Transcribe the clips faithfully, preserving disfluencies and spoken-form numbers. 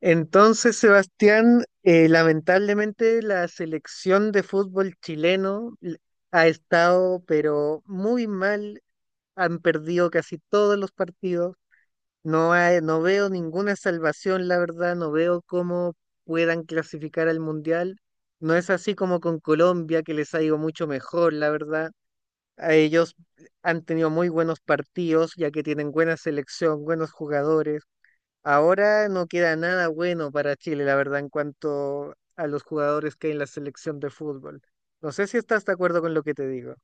Entonces, Sebastián, eh, lamentablemente la selección de fútbol chileno l- ha estado, pero muy mal. Han perdido casi todos los partidos. No hay, no veo ninguna salvación, la verdad. No veo cómo puedan clasificar al mundial. No es así como con Colombia, que les ha ido mucho mejor, la verdad. A ellos han tenido muy buenos partidos, ya que tienen buena selección, buenos jugadores. Ahora no queda nada bueno para Chile, la verdad, en cuanto a los jugadores que hay en la selección de fútbol. No sé si estás de acuerdo con lo que te digo.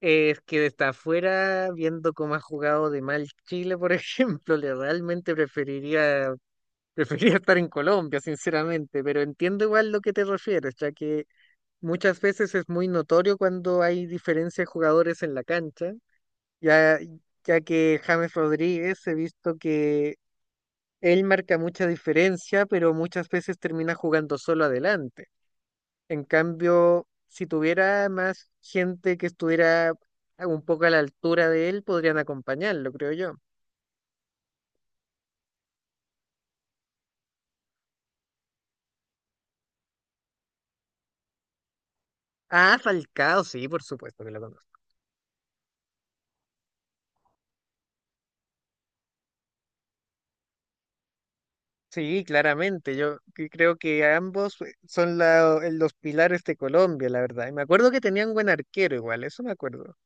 Es que desde afuera, viendo cómo ha jugado de mal Chile, por ejemplo, le realmente preferiría, preferiría estar en Colombia, sinceramente, pero entiendo igual lo que te refieres, ya que muchas veces es muy notorio cuando hay diferencia de jugadores en la cancha, ya, ya que James Rodríguez he visto que él marca mucha diferencia, pero muchas veces termina jugando solo adelante. En cambio, si tuviera más gente que estuviera un poco a la altura de él, podrían acompañarlo, creo yo. Ah, Falcao, sí, por supuesto que lo conozco. Sí, claramente. Yo que- creo que ambos eh, son la- los pilares de Colombia, la verdad. Y me acuerdo que tenían buen arquero igual, eso me acuerdo.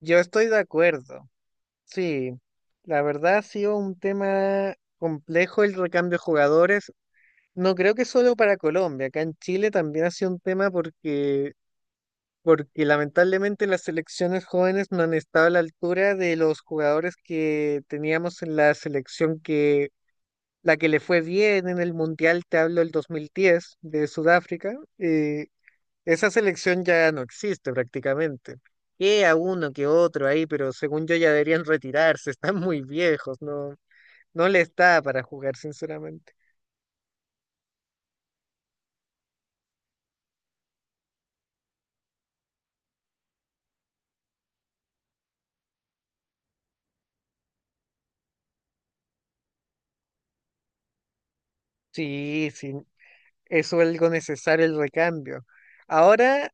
Yo estoy de acuerdo. Sí, la verdad ha sido un tema complejo el recambio de jugadores. No creo que solo para Colombia, acá en Chile también ha sido un tema porque, porque lamentablemente las selecciones jóvenes no han estado a la altura de los jugadores que teníamos en la selección que, la que le fue bien en el Mundial, te hablo del dos mil diez de Sudáfrica, eh, esa selección ya no existe prácticamente. Que a uno que otro ahí, pero según yo ya deberían retirarse, están muy viejos, no, no le está para jugar, sinceramente. Sí, sí, es algo necesario el recambio. Ahora,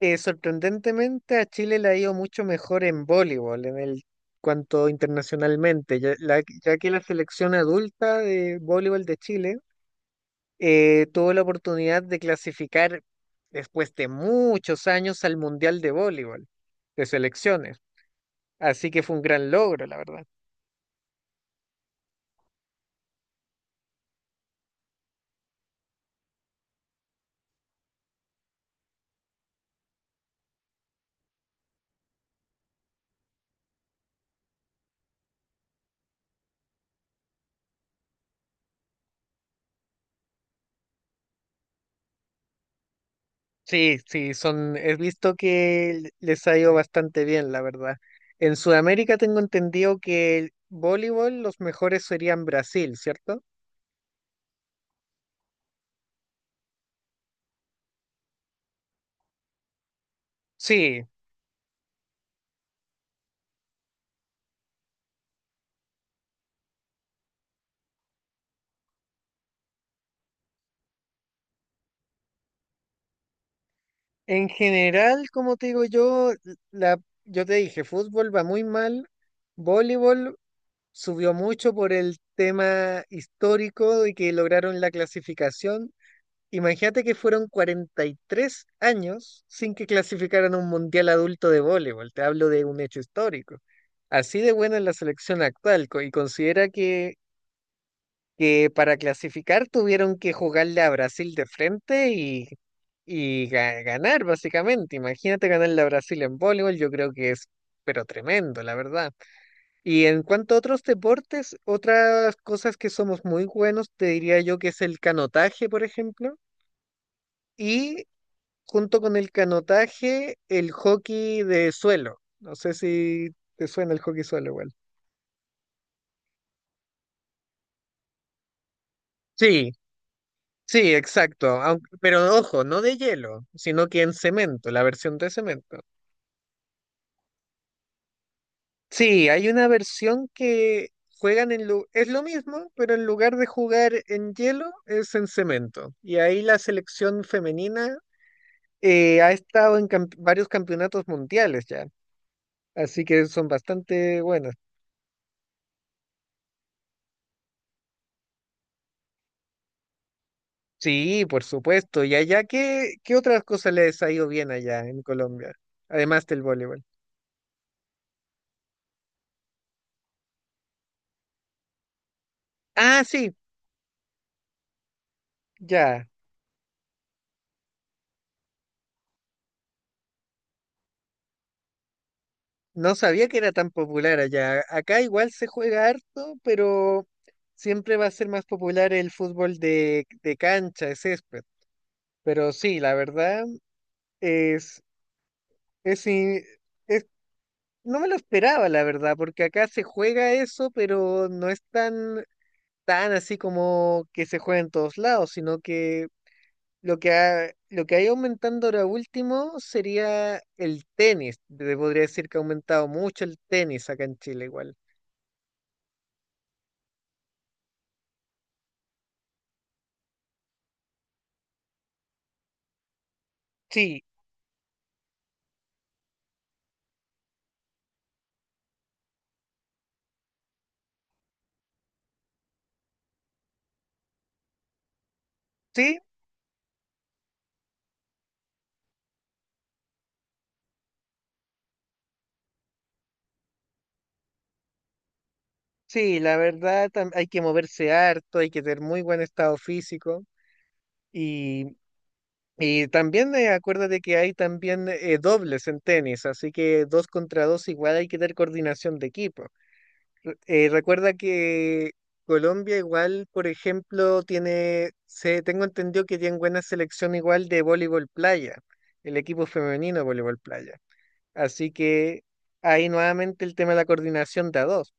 eh, sorprendentemente, a Chile le ha ido mucho mejor en voleibol, en el cuanto internacionalmente, ya, la- ya que la selección adulta de voleibol de Chile eh, tuvo la oportunidad de clasificar después de muchos años al Mundial de Voleibol de selecciones. Así que fue un gran logro, la verdad. Sí, sí, son, he visto que les ha ido bastante bien, la verdad. En Sudamérica tengo entendido que el voleibol los mejores serían Brasil, ¿cierto? Sí, en general, como te digo yo, la, yo te dije, fútbol va muy mal, voleibol subió mucho por el tema histórico de que lograron la clasificación. Imagínate que fueron cuarenta y tres años sin que clasificaran a un mundial adulto de voleibol. Te hablo de un hecho histórico. Así de buena es la selección actual co- y considera que, que para clasificar tuvieron que jugarle a Brasil de frente y, y ga- ganar, básicamente. Imagínate ganarle a Brasil en voleibol, yo creo que es, pero tremendo, la verdad. Y en cuanto a otros deportes, otras cosas que somos muy buenos, te diría yo que es el canotaje, por ejemplo. Y junto con el canotaje, el hockey de suelo. No sé si te suena el hockey suelo igual. Sí, sí, exacto. Aun- pero ojo, no de hielo, sino que en cemento, la versión de cemento. Sí, hay una versión que juegan en... lu- Es lo mismo, pero en lugar de jugar en hielo, es en cemento. Y ahí la selección femenina eh, ha estado en camp- varios campeonatos mundiales ya. Así que son bastante buenas. Sí, por supuesto. ¿Y allá qué, qué otras cosas les ha ido bien allá en Colombia? Además del voleibol. Ah, sí, ya. No sabía que era tan popular allá. Acá igual se juega harto, pero siempre va a ser más popular el fútbol de, de cancha, de césped. Pero sí, la verdad es, es, i- es- no me lo esperaba, la verdad, porque acá se juega eso, pero no es tan, tan así como que se juega en todos lados, sino que Lo que ha, lo que ha ido aumentando ahora último sería el tenis. Te podría decir que ha aumentado mucho el tenis acá en Chile igual. Sí, sí, sí, la verdad tam- hay que moverse harto, hay que tener muy buen estado físico y, y también eh, acuérdate que hay también eh, dobles en tenis, así que dos contra dos igual hay que tener coordinación de equipo. Eh, recuerda que Colombia igual, por ejemplo, tiene, se, tengo entendido que tiene buena selección igual de voleibol playa, el equipo femenino de voleibol playa. Así que ahí nuevamente el tema de la coordinación de a dos.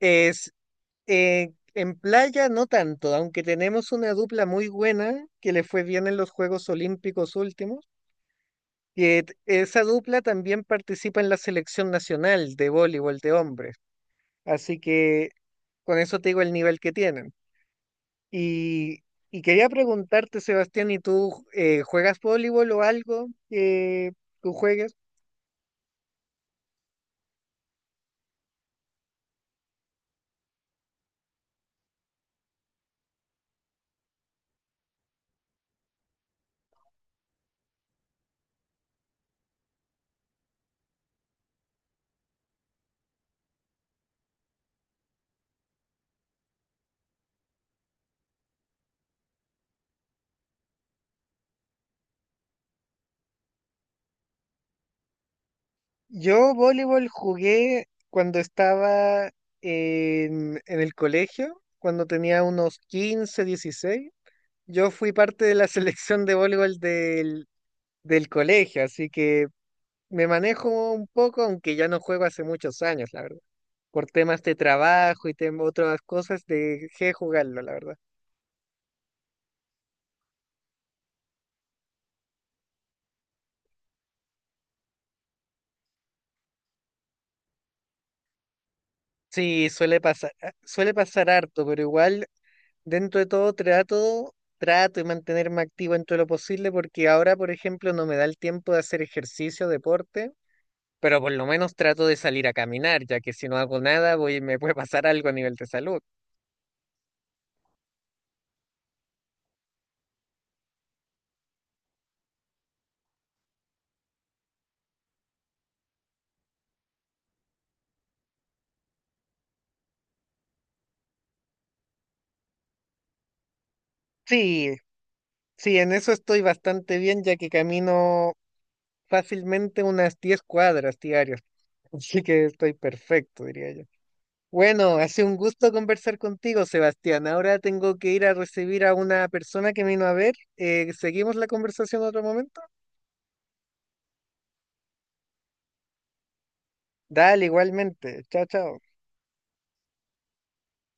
Es, eh, en playa no tanto, aunque tenemos una dupla muy buena que le fue bien en los Juegos Olímpicos últimos, que t- esa dupla también participa en la selección nacional de voleibol de hombres. Así que con eso te digo el nivel que tienen. Y, y quería preguntarte, Sebastián, ¿y tú eh, juegas voleibol o algo que tú juegues? Yo voleibol jugué cuando estaba en, en el colegio, cuando tenía unos quince dieciséis. Yo fui parte de la selección de voleibol del, del colegio, así que me manejo un poco, aunque ya no juego hace muchos años, la verdad. Por temas de trabajo y tem- otras cosas, dejé de jugarlo, la verdad. Sí, suele pasar, ah, suele pasar harto, pero igual dentro de todo trato, trato de mantenerme activo en todo lo posible porque ahora, por ejemplo, no me da el tiempo de hacer ejercicio, deporte, pero por lo menos trato de salir a caminar, ya que si no hago nada, voy, me puede pasar algo a nivel de salud. Sí, sí, en eso estoy bastante bien, ya que camino fácilmente unas diez cuadras diarias, así que estoy perfecto, diría yo. Bueno, ha sido un gusto conversar contigo, Sebastián. Ahora tengo que ir a recibir a una persona que me vino a ver. Eh, ¿seguimos la conversación en otro momento? Dale, igualmente. Chao, chao.